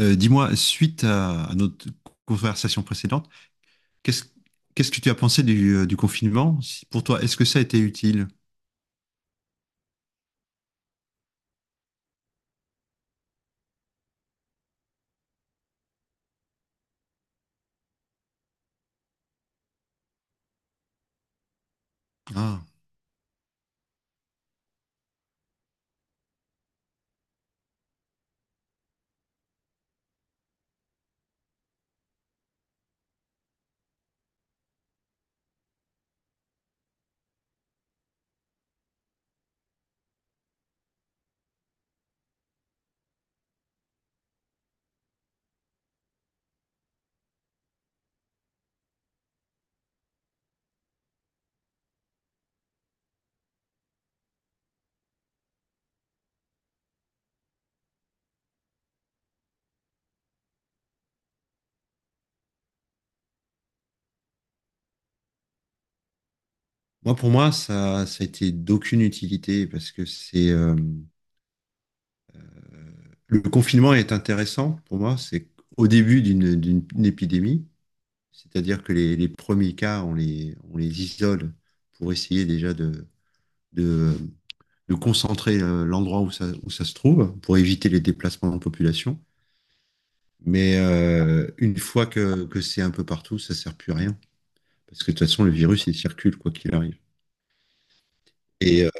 Dis-moi, suite à notre conversation précédente, qu'est-ce qu'est-ce que tu as pensé du confinement? Pour toi, est-ce que ça a été utile? Ah. Moi, pour moi, ça a été d'aucune utilité parce que c'est le confinement est intéressant pour moi. C'est au début d'une épidémie, c'est-à-dire que les premiers cas, on les isole pour essayer déjà de, de concentrer l'endroit où ça se trouve pour éviter les déplacements de population. Mais une fois que c'est un peu partout, ça sert plus à rien. Parce que de toute façon, le virus, il circule, quoi qu'il arrive. Et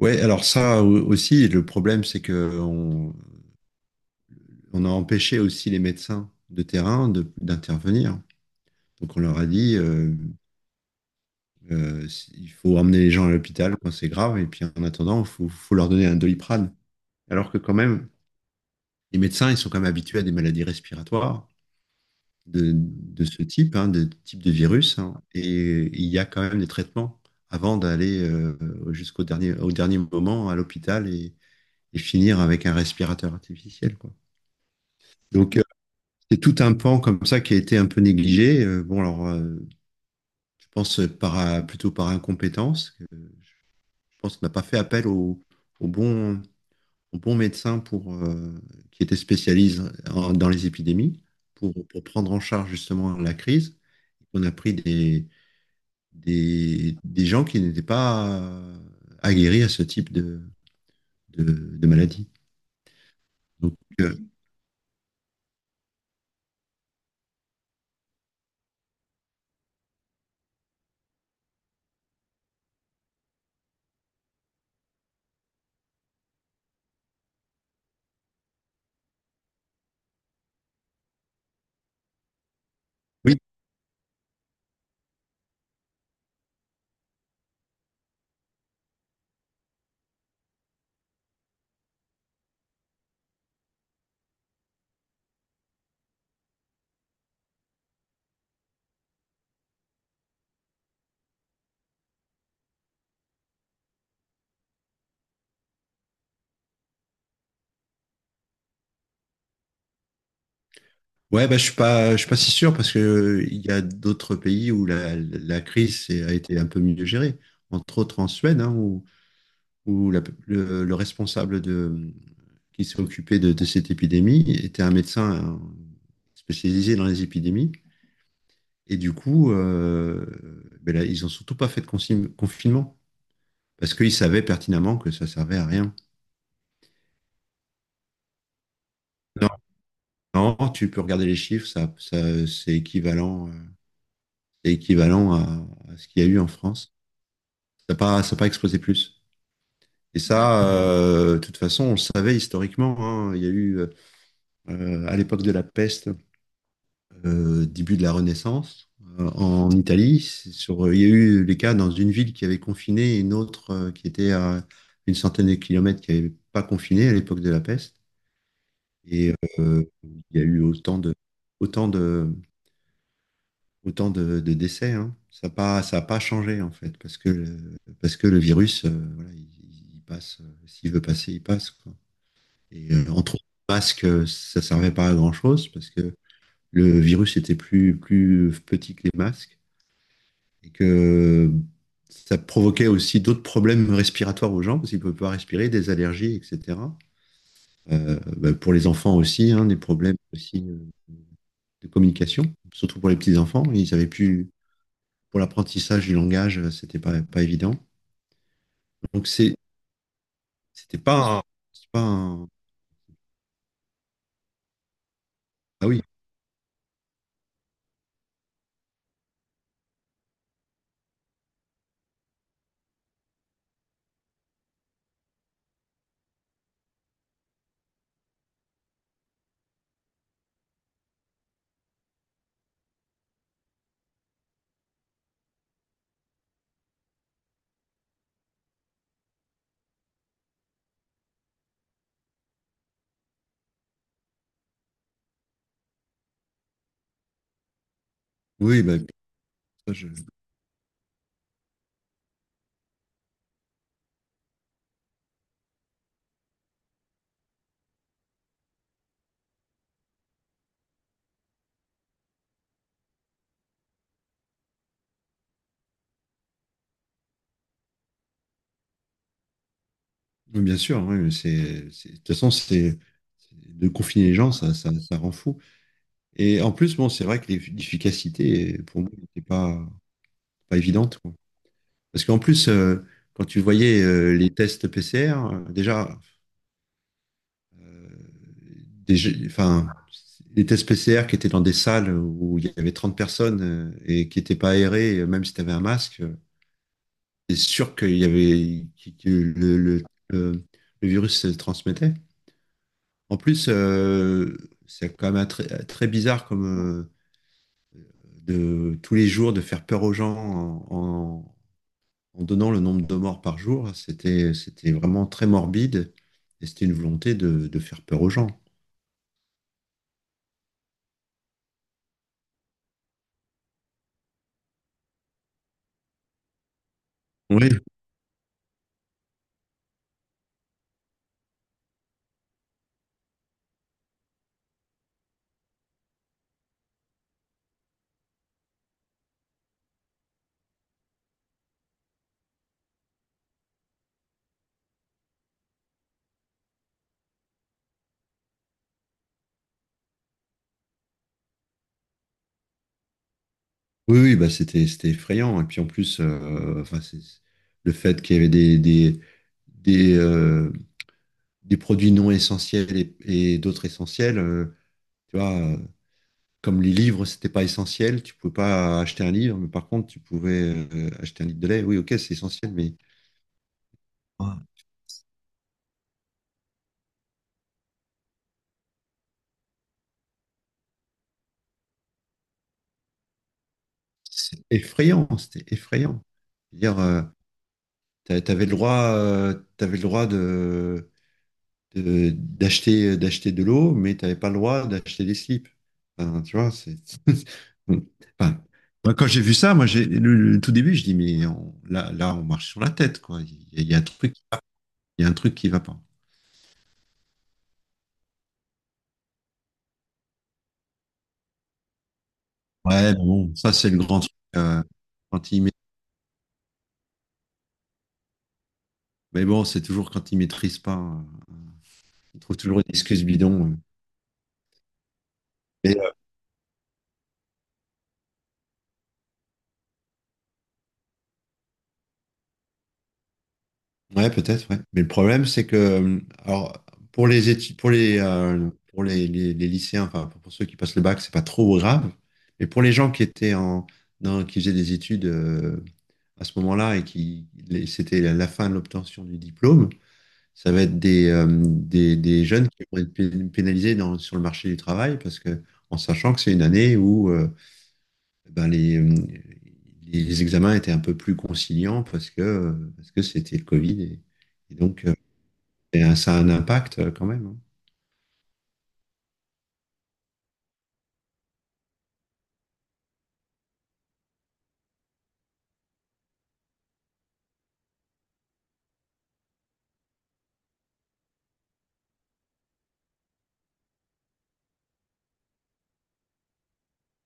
ouais, alors ça aussi, le problème, c'est que on a empêché aussi les médecins de terrain d'intervenir. Donc on leur a dit, euh, il faut emmener les gens à l'hôpital quand c'est grave, et puis en attendant, il faut leur donner un Doliprane. Alors que quand même, les médecins, ils sont quand même habitués à des maladies respiratoires, de ce type, hein, de type de virus, hein, et il y a quand même des traitements avant d'aller au dernier moment à l'hôpital et finir avec un respirateur artificiel, quoi. Donc, c'est tout un pan comme ça qui a été un peu négligé. Bon, alors, je pense plutôt par incompétence. Que Je pense qu'on n'a pas fait appel au bon, au bon médecin qui était spécialisé dans les épidémies pour prendre en charge justement la crise. On a pris des gens qui n'étaient pas aguerris à ce type de maladie. Donc, euh, oui, ouais, bah, je suis pas si sûr parce que il y a d'autres pays où la crise a été un peu mieux gérée, entre autres en Suède, hein, où le responsable qui s'est occupé de cette épidémie était un médecin, hein, spécialisé dans les épidémies. Et du coup, ben là, ils n'ont surtout pas fait de confinement parce qu'ils savaient pertinemment que ça servait à rien. Non, non, tu peux regarder les chiffres, ça, c'est équivalent à ce qu'il y a eu en France. Ça a pas explosé plus. Et ça, de toute façon, on le savait historiquement, hein. Il y a eu, à l'époque de la peste, début de la Renaissance, en Italie, c'est sur, il y a eu des cas dans une ville qui avait confiné et une autre qui était à une centaine de kilomètres qui n'avait pas confiné à l'époque de la peste. Et il y a eu autant de, autant de décès, hein. Ça a pas changé, en fait, parce que le virus, voilà, il passe. S'il veut passer, il passe, quoi. Et entre autres, le masque, ça servait pas à grand-chose, parce que le virus était plus petit que les masques, et que ça provoquait aussi d'autres problèmes respiratoires aux gens, parce qu'ils ne peuvent pas respirer, des allergies, etc. Bah, pour les enfants aussi, hein, des problèmes aussi de communication, surtout pour les petits-enfants, ils avaient plus pour l'apprentissage du langage, c'était pas évident. Donc c'est, c'était pas, c'est pas. Ah oui, oui, bah, ça, oui, bien sûr. Oui, mais c'est, de toute façon, de confiner les gens, ça rend fou. Et en plus, bon, c'est vrai que l'efficacité, pour moi, n'était pas évidente, quoi. Parce qu'en plus, quand tu voyais les tests PCR, euh, déjà, enfin, les tests PCR qui étaient dans des salles où il y avait 30 personnes et qui n'étaient pas aérées même si tu avais un masque. C'est sûr qu'il y avait que le- le virus se transmettait. En plus, c'est quand même très, très bizarre comme euh, de tous les jours de faire peur aux gens en donnant le nombre de morts par jour. C'était vraiment très morbide et c'était une volonté de faire peur aux gens. Oui, oui, oui, bah c'était effrayant. Et puis en plus, enfin, le fait qu'il y avait des, euh, des produits non essentiels et d'autres essentiels, tu vois, comme les livres, c'était pas essentiel, tu pouvais pas acheter un livre, mais par contre, tu pouvais acheter un litre de lait. Oui, ok, c'est essentiel, mais ah, c'est effrayant, c'était effrayant. Dire, t'avais le droit d'acheter de l'eau, mais t'avais pas le droit d'acheter des slips. Enfin, tu vois, c'est. Enfin, moi, quand j'ai vu ça, moi, j'ai le tout début, je dis, mais là, là, on marche sur la tête, quoi. Il y a un truc qui va pas. Ouais, mais bon, ça c'est le grand truc. Quand il ma- Mais bon, c'est toujours quand il maîtrise pas. Ils trouvent toujours une excuse bidon. Mais, ouais, peut-être, ouais. Mais le problème, c'est que alors, pour les études, pour les lycéens, enfin pour ceux qui passent le bac, c'est pas trop grave. Mais pour les gens qui étaient qui faisaient des études à ce moment-là et c'était la fin de l'obtention du diplôme. Ça va être des jeunes qui vont être pénalisés sur le marché du travail parce que, en sachant que c'est une année où ben, les examens étaient un peu plus conciliants parce que c'était le Covid et donc ça a un impact quand même.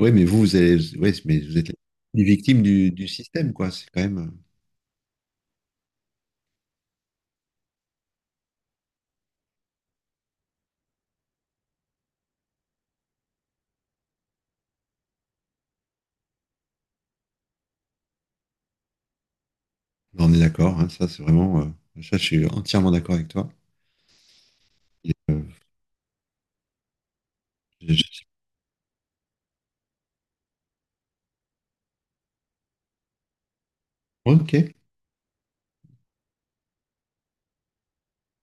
Oui, mais ouais, mais vous êtes les victimes du système, quoi. C'est quand même. On est d'accord, hein, ça c'est vraiment. Ça, je suis entièrement d'accord avec toi. Et, je- je- ok.